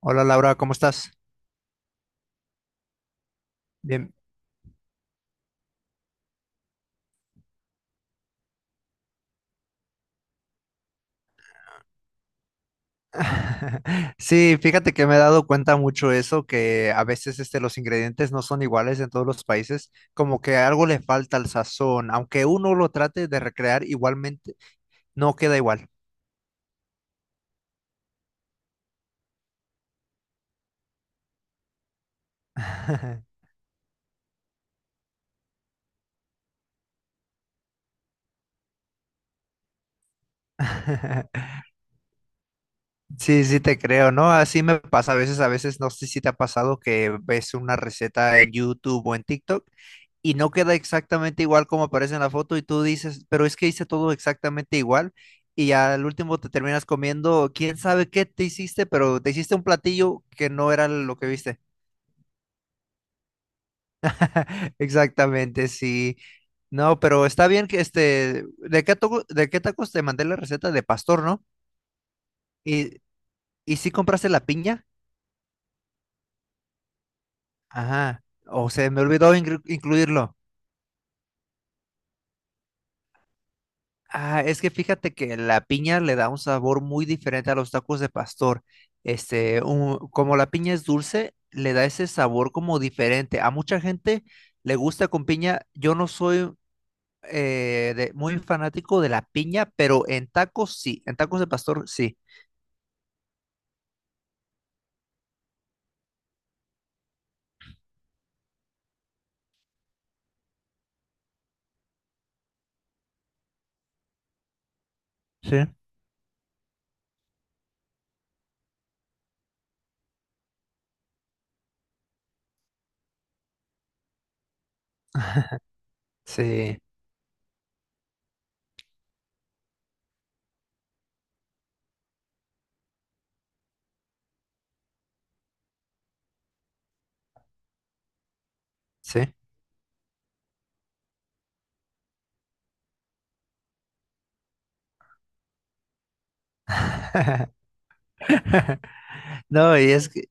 Hola Laura, ¿cómo estás? Bien. Sí, fíjate que me he dado cuenta mucho eso, que a veces los ingredientes no son iguales en todos los países, como que algo le falta al sazón, aunque uno lo trate de recrear igualmente, no queda igual. Sí, sí te creo, ¿no? Así me pasa a veces. A veces no sé si te ha pasado que ves una receta en YouTube o en TikTok y no queda exactamente igual como aparece en la foto y tú dices, pero es que hice todo exactamente igual y al último te terminas comiendo quién sabe qué te hiciste, pero te hiciste un platillo que no era lo que viste. Exactamente, sí. No, pero está bien que ¿de qué tacos te mandé la receta? De pastor, ¿no? Y, y sí compraste la piña. Ajá. O se me olvidó incluirlo. Ah, es que fíjate que la piña le da un sabor muy diferente a los tacos de pastor. Como la piña es dulce, le da ese sabor como diferente. A mucha gente le gusta con piña. Yo no soy muy fanático de la piña, pero en tacos sí, en tacos de pastor sí. Sí. Sí, sí. No, y es que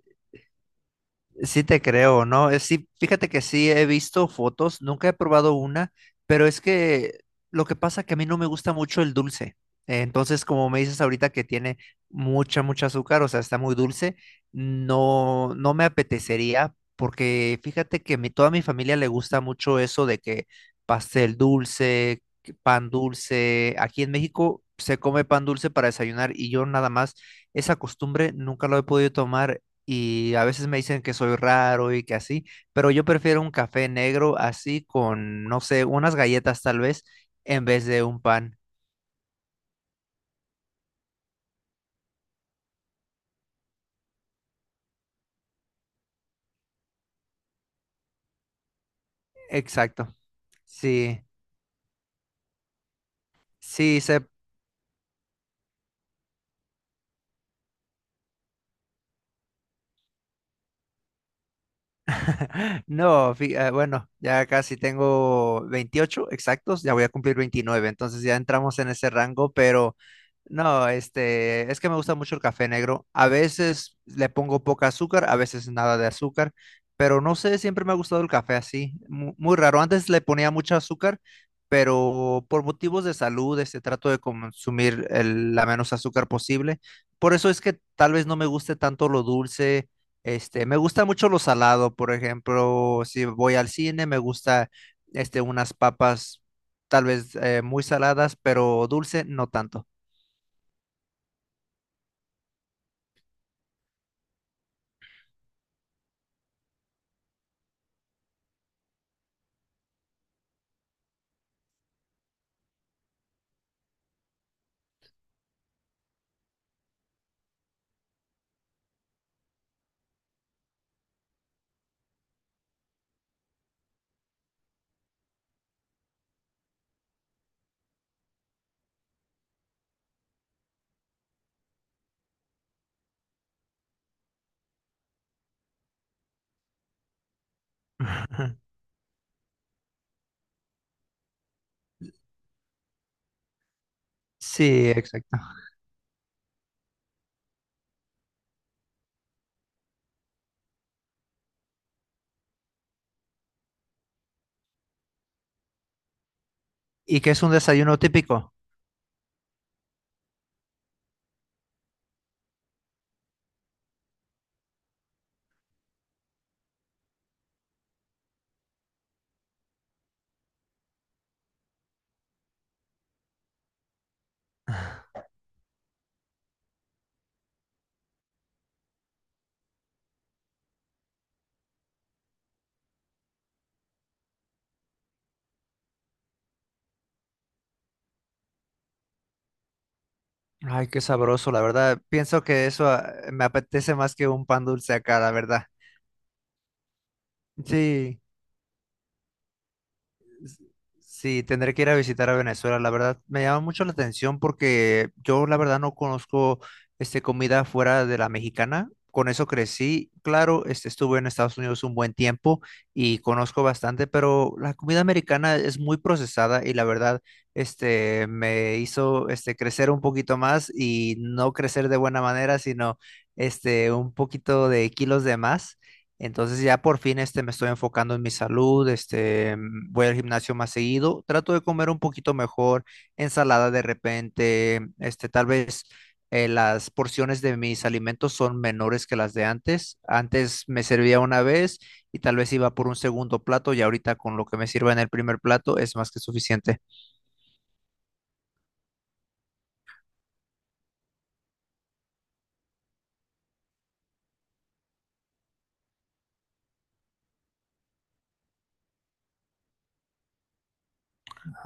Sí te creo, ¿no? Sí, fíjate que sí he visto fotos, nunca he probado una, pero es que lo que pasa que a mí no me gusta mucho el dulce. Entonces, como me dices ahorita que tiene mucha azúcar, o sea, está muy dulce, no, no me apetecería, porque fíjate que mi, toda mi familia le gusta mucho eso de que pastel dulce, que pan dulce. Aquí en México se come pan dulce para desayunar y yo nada más esa costumbre nunca lo he podido tomar y a veces me dicen que soy raro y que así, pero yo prefiero un café negro así con, no sé, unas galletas tal vez en vez de un pan. Exacto. Sí, sí, sé. No, bueno, ya casi tengo 28 exactos, ya voy a cumplir 29, entonces ya entramos en ese rango, pero no, es que me gusta mucho el café negro. A veces le pongo poca azúcar, a veces nada de azúcar, pero no sé, siempre me ha gustado el café así, muy raro. Antes le ponía mucho azúcar, pero por motivos de salud, trato de consumir la menos azúcar posible. Por eso es que tal vez no me guste tanto lo dulce. Me gusta mucho lo salado. Por ejemplo, si voy al cine, me gusta unas papas tal vez muy saladas, pero dulce no tanto. Sí, exacto. ¿Y qué es un desayuno típico? Ay, qué sabroso, la verdad. Pienso que eso me apetece más que un pan dulce acá, la verdad. Sí. Sí, tendré que ir a visitar a Venezuela. La verdad, me llama mucho la atención porque yo la verdad no conozco comida fuera de la mexicana. Con eso crecí. Claro, estuve en Estados Unidos un buen tiempo y conozco bastante, pero la comida americana es muy procesada y la verdad, me hizo crecer un poquito más y no crecer de buena manera, sino un poquito de kilos de más. Entonces ya por fin, me estoy enfocando en mi salud. Voy al gimnasio más seguido, trato de comer un poquito mejor, ensalada de repente. Tal vez las porciones de mis alimentos son menores que las de antes. Antes me servía una vez y tal vez iba por un segundo plato y ahorita con lo que me sirva en el primer plato es más que suficiente.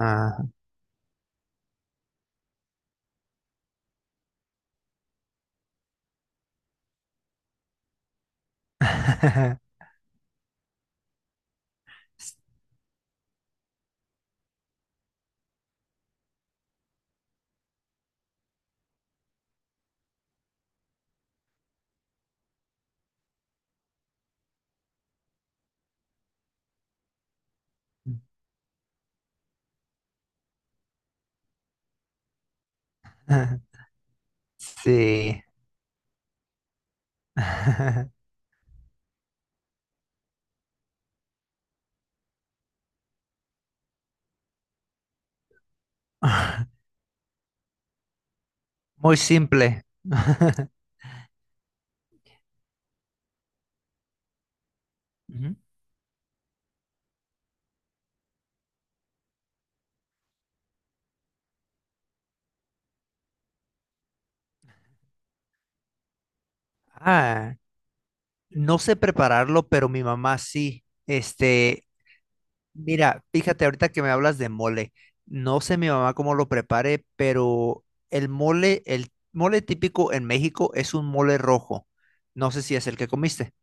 Ah. Sí. Muy simple. Ujú. Ah. No sé prepararlo, pero mi mamá sí. Mira, fíjate ahorita que me hablas de mole. No sé mi mamá cómo lo prepare, pero el mole típico en México es un mole rojo. No sé si es el que comiste.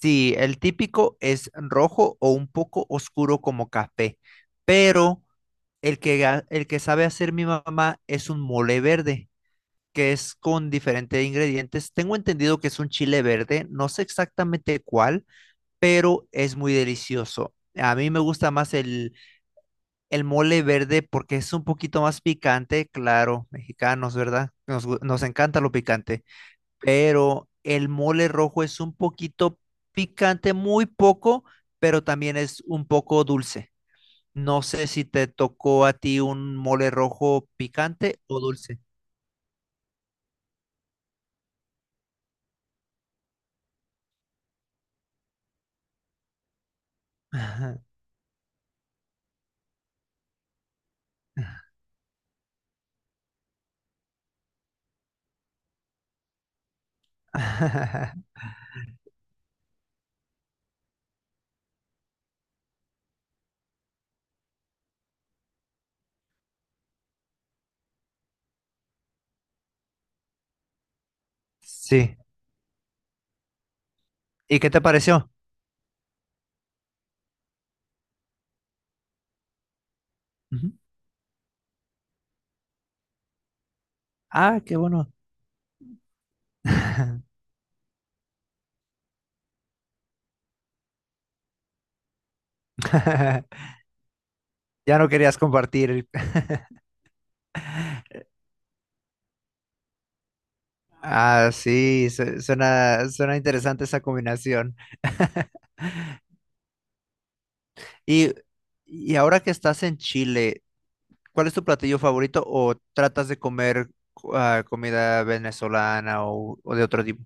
Sí, el típico es rojo o un poco oscuro como café, pero el que, el que sabe hacer mi mamá es un mole verde, que es con diferentes ingredientes. Tengo entendido que es un chile verde, no sé exactamente cuál, pero es muy delicioso. A mí me gusta más el mole verde porque es un poquito más picante. Claro, mexicanos, ¿verdad? Nos encanta lo picante, pero el mole rojo es un poquito picante, muy poco, pero también es un poco dulce. No sé si te tocó a ti un mole rojo picante o dulce. Ajá. Sí. ¿Y qué te pareció? Ujú. Ah, qué bueno. Ya no querías compartir. Ah, sí, suena, suena interesante esa combinación. Y, y ahora que estás en Chile, ¿cuál es tu platillo favorito o tratas de comer comida venezolana o de otro tipo?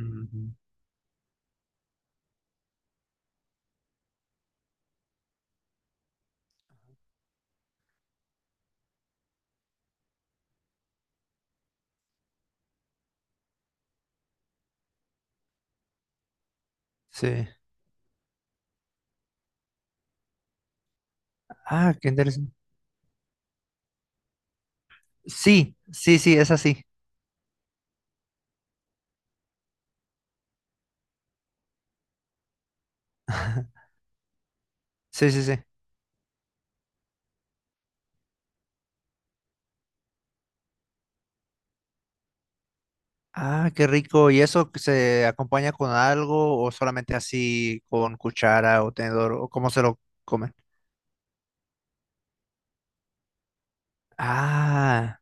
Ujú. Sí. Ah, qué interesante. Sí, sí, sí, es así. Sí, sí, sí. Ah, qué rico. ¿Y eso se acompaña con algo o solamente así con cuchara o tenedor o cómo se lo comen? Ah.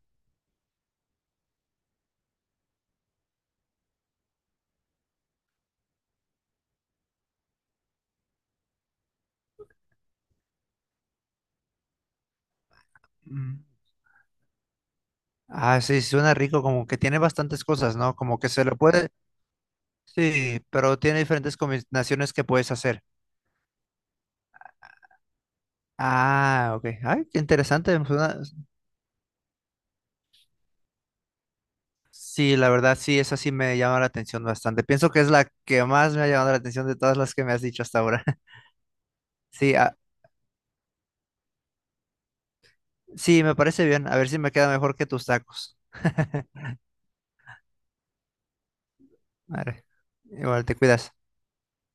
Mm. Ah, sí, suena rico, como que tiene bastantes cosas, ¿no? Como que se lo puede, sí, pero tiene diferentes combinaciones que puedes hacer. Ah, ok. Ay, qué interesante. Suena. Sí, la verdad, sí, esa sí me llama la atención bastante. Pienso que es la que más me ha llamado la atención de todas las que me has dicho hasta ahora. Sí, ah, sí, me parece bien. A ver si me queda mejor que tus tacos. Vale. Igual te cuidas.